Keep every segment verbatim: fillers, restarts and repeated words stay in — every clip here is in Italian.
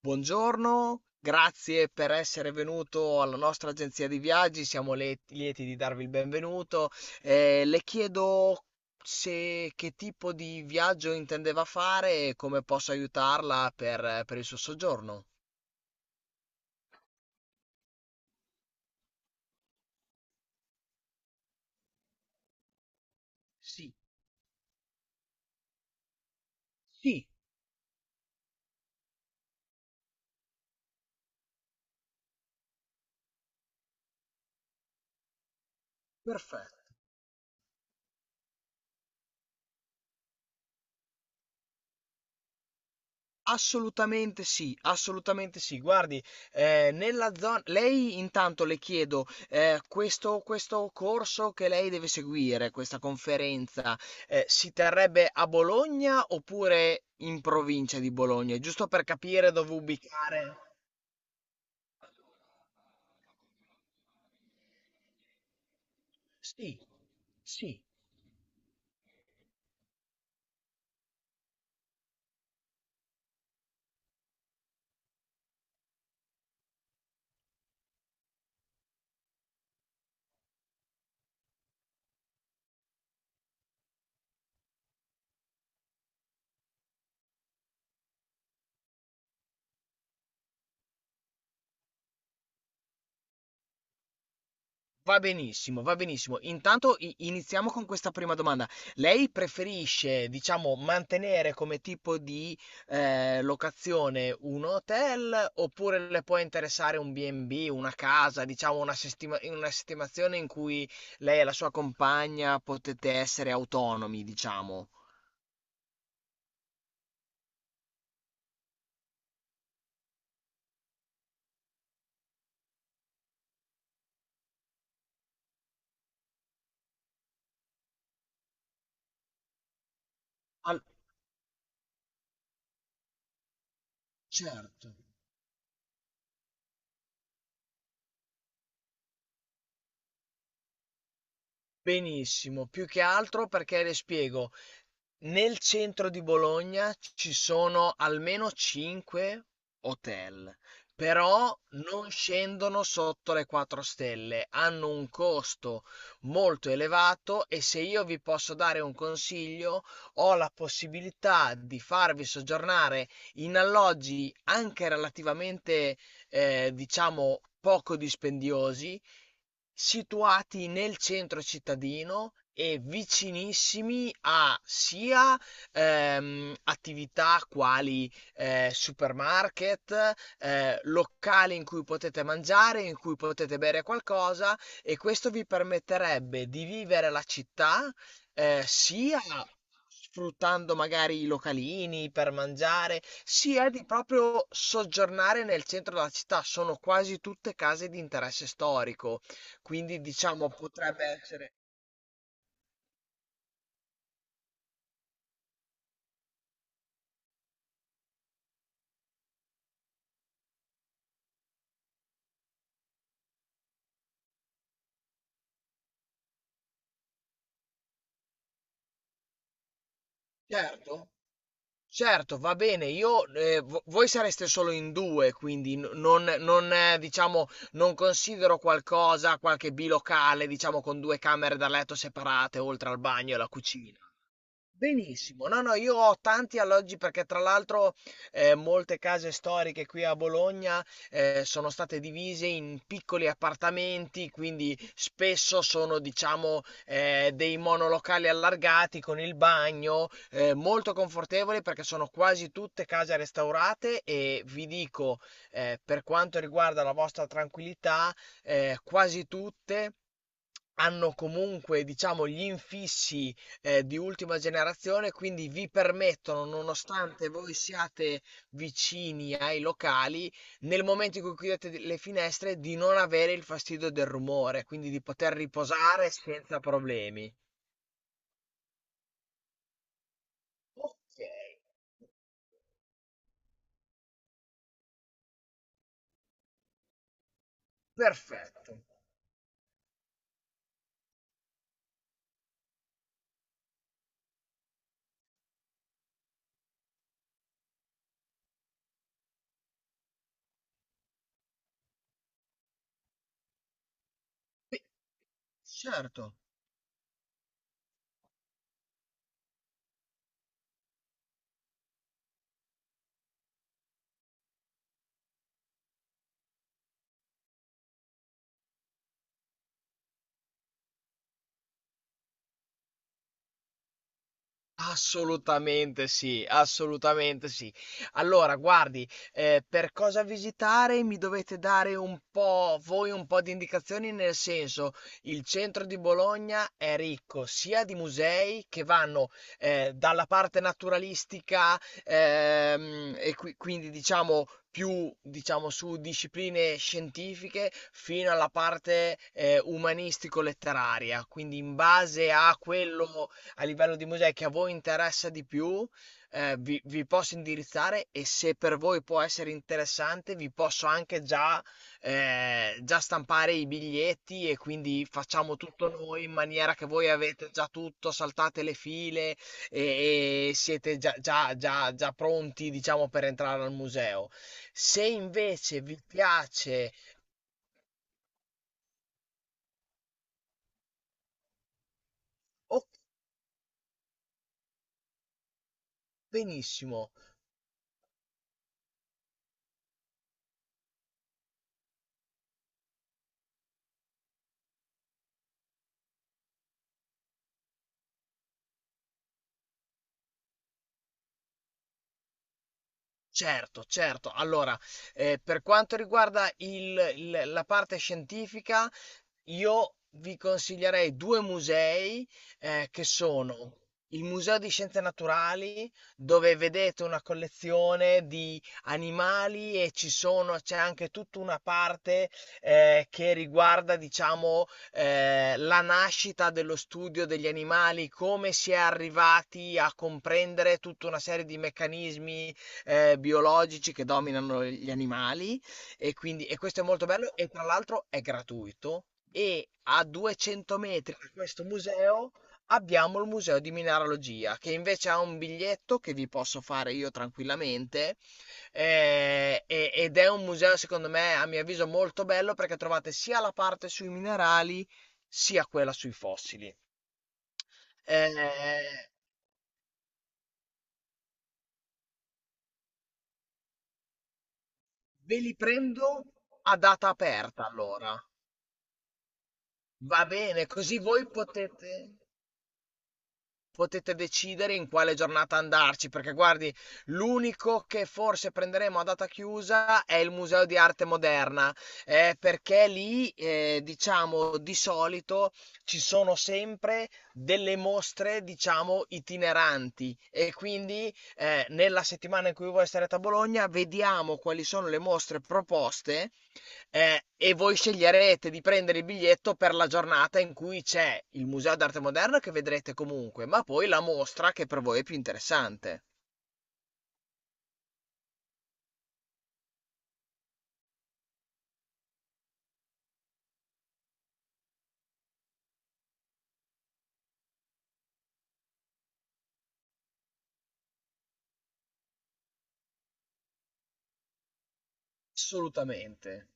Buongiorno, grazie per essere venuto alla nostra agenzia di viaggi, siamo le- lieti di darvi il benvenuto. Eh, le chiedo se che tipo di viaggio intendeva fare e come posso aiutarla per, per il suo soggiorno. Sì, sì, perfetto. Assolutamente sì, assolutamente sì. Guardi, eh, nella zona... Lei intanto le chiedo, eh, questo, questo corso che lei deve seguire, questa conferenza, eh, si terrebbe a Bologna oppure in provincia di Bologna? Giusto per capire dove ubicare. Sì, sì. Va benissimo, va benissimo. Intanto i- iniziamo con questa prima domanda. Lei preferisce, diciamo, mantenere come tipo di eh, locazione un hotel oppure le può interessare un B and B, una casa, diciamo una, sistema- una sistemazione in cui lei e la sua compagna potete essere autonomi, diciamo? Al- certo. Benissimo, più che altro perché le spiego, nel centro di Bologna ci sono almeno cinque hotel, però non scendono sotto le quattro stelle, hanno un costo molto elevato e se io vi posso dare un consiglio, ho la possibilità di farvi soggiornare in alloggi anche relativamente, eh, diciamo, poco dispendiosi situati nel centro cittadino e vicinissimi a sia ehm, attività quali eh, supermarket, eh, locali in cui potete mangiare, in cui potete bere qualcosa e questo vi permetterebbe di vivere la città eh, sia sfruttando magari i localini per mangiare, sia di proprio soggiornare nel centro della città. Sono quasi tutte case di interesse storico, quindi diciamo potrebbe essere... Certo, certo, va bene. Io, eh, vo- voi sareste solo in due, quindi n- non, non, eh, diciamo, non considero qualcosa, qualche bilocale, diciamo, con due camere da letto separate, oltre al bagno e alla cucina. Benissimo. No, no, io ho tanti alloggi perché tra l'altro eh, molte case storiche qui a Bologna eh, sono state divise in piccoli appartamenti, quindi spesso sono, diciamo, eh, dei monolocali allargati con il bagno, eh, molto confortevoli perché sono quasi tutte case restaurate e vi dico, eh, per quanto riguarda la vostra tranquillità, eh, quasi tutte hanno comunque, diciamo, gli infissi eh, di ultima generazione, quindi vi permettono, nonostante voi siate vicini ai locali, nel momento in cui chiudete di- le finestre, di non avere il fastidio del rumore, quindi di poter riposare senza problemi. Ok, perfetto. Sì, certo. Assolutamente sì, assolutamente sì. Allora, guardi, eh, per cosa visitare mi dovete dare un po', voi un po' di indicazioni, nel senso, il centro di Bologna è ricco sia di musei che vanno eh, dalla parte naturalistica ehm, e qui- quindi diciamo più diciamo su discipline scientifiche fino alla parte eh, umanistico-letteraria, quindi in base a quello a livello di musei che a voi interessa di più, eh, vi, vi posso indirizzare e se per voi può essere interessante, vi posso anche già, eh, già stampare i biglietti e quindi facciamo tutto noi in maniera che voi avete già tutto, saltate le file e, e siete già, già, già, già pronti, diciamo, per entrare al museo. Se invece vi piace, oh, benissimo. Certo, certo. Allora, eh, per quanto riguarda il il la parte scientifica, io vi consiglierei due musei eh, che sono il Museo di Scienze Naturali, dove vedete una collezione di animali e ci sono, c'è anche tutta una parte eh, che riguarda, diciamo, eh, la nascita dello studio degli animali, come si è arrivati a comprendere tutta una serie di meccanismi eh, biologici che dominano gli animali. E quindi e questo è molto bello e tra l'altro è gratuito e a duecento metri da questo museo abbiamo il museo di mineralogia che invece ha un biglietto che vi posso fare io tranquillamente eh, e- ed è un museo secondo me a mio avviso molto bello perché trovate sia la parte sui minerali sia quella sui fossili. Eh, Ve li prendo a data aperta allora. Va bene, così voi potete... potete decidere in quale giornata andarci, perché guardi, l'unico che forse prenderemo a data chiusa è il Museo di Arte Moderna, eh, perché lì, eh, diciamo, di solito ci sono sempre delle mostre, diciamo, itineranti e quindi eh, nella settimana in cui voi sarete a Bologna vediamo quali sono le mostre proposte eh, e voi sceglierete di prendere il biglietto per la giornata in cui c'è il Museo d'Arte Moderna che vedrete comunque, ma poi la mostra che per voi è più interessante. Assolutamente.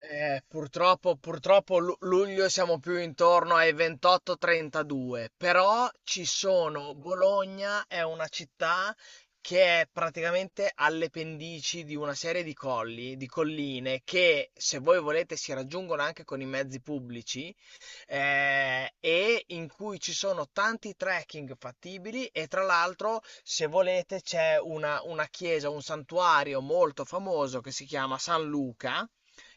Eh, purtroppo, purtroppo lu- luglio siamo più intorno ai ventotto trentadue, però ci sono, Bologna è una città che è praticamente alle pendici di una serie di colli, di colline che se voi volete si raggiungono anche con i mezzi pubblici eh, e in cui ci sono tanti trekking fattibili e tra l'altro, se volete, c'è una, una chiesa, un santuario molto famoso che si chiama San Luca,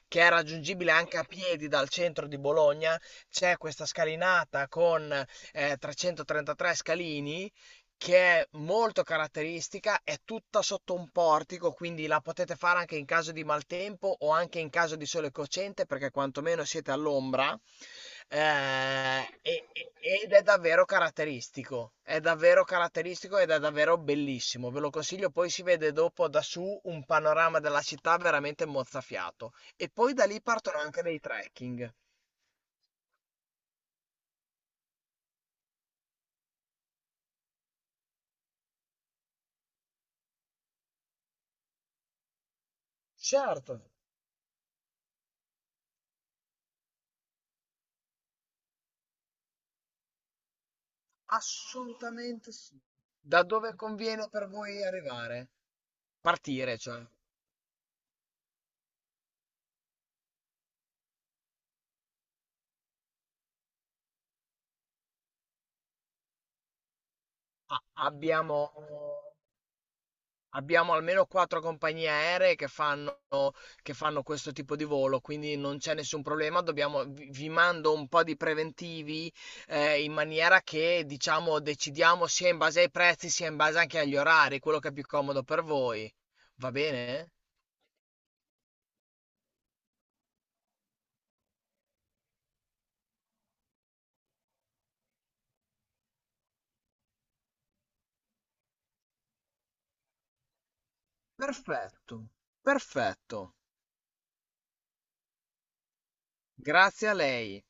che è raggiungibile anche a piedi dal centro di Bologna. C'è questa scalinata con eh, trecentotrentatré scalini che è molto caratteristica, è tutta sotto un portico, quindi la potete fare anche in caso di maltempo o anche in caso di sole cocente, perché quantomeno siete all'ombra. Eh, e- e- ed è davvero caratteristico, è davvero caratteristico ed è davvero bellissimo. Ve lo consiglio, poi si vede dopo da su un panorama della città veramente mozzafiato. E poi da lì partono anche dei trekking. Certo, assolutamente sì. Da dove conviene per voi arrivare? Partire, cioè. A abbiamo abbiamo almeno quattro compagnie aeree che fanno che fanno questo tipo di volo, quindi non c'è nessun problema. Dobbiamo vi vi mando un po' di preventivi, ehm, in maniera che, diciamo, decidiamo sia in base ai prezzi, sia in base anche agli orari, quello che è più comodo per voi. Va bene? Perfetto, perfetto. Grazie a lei.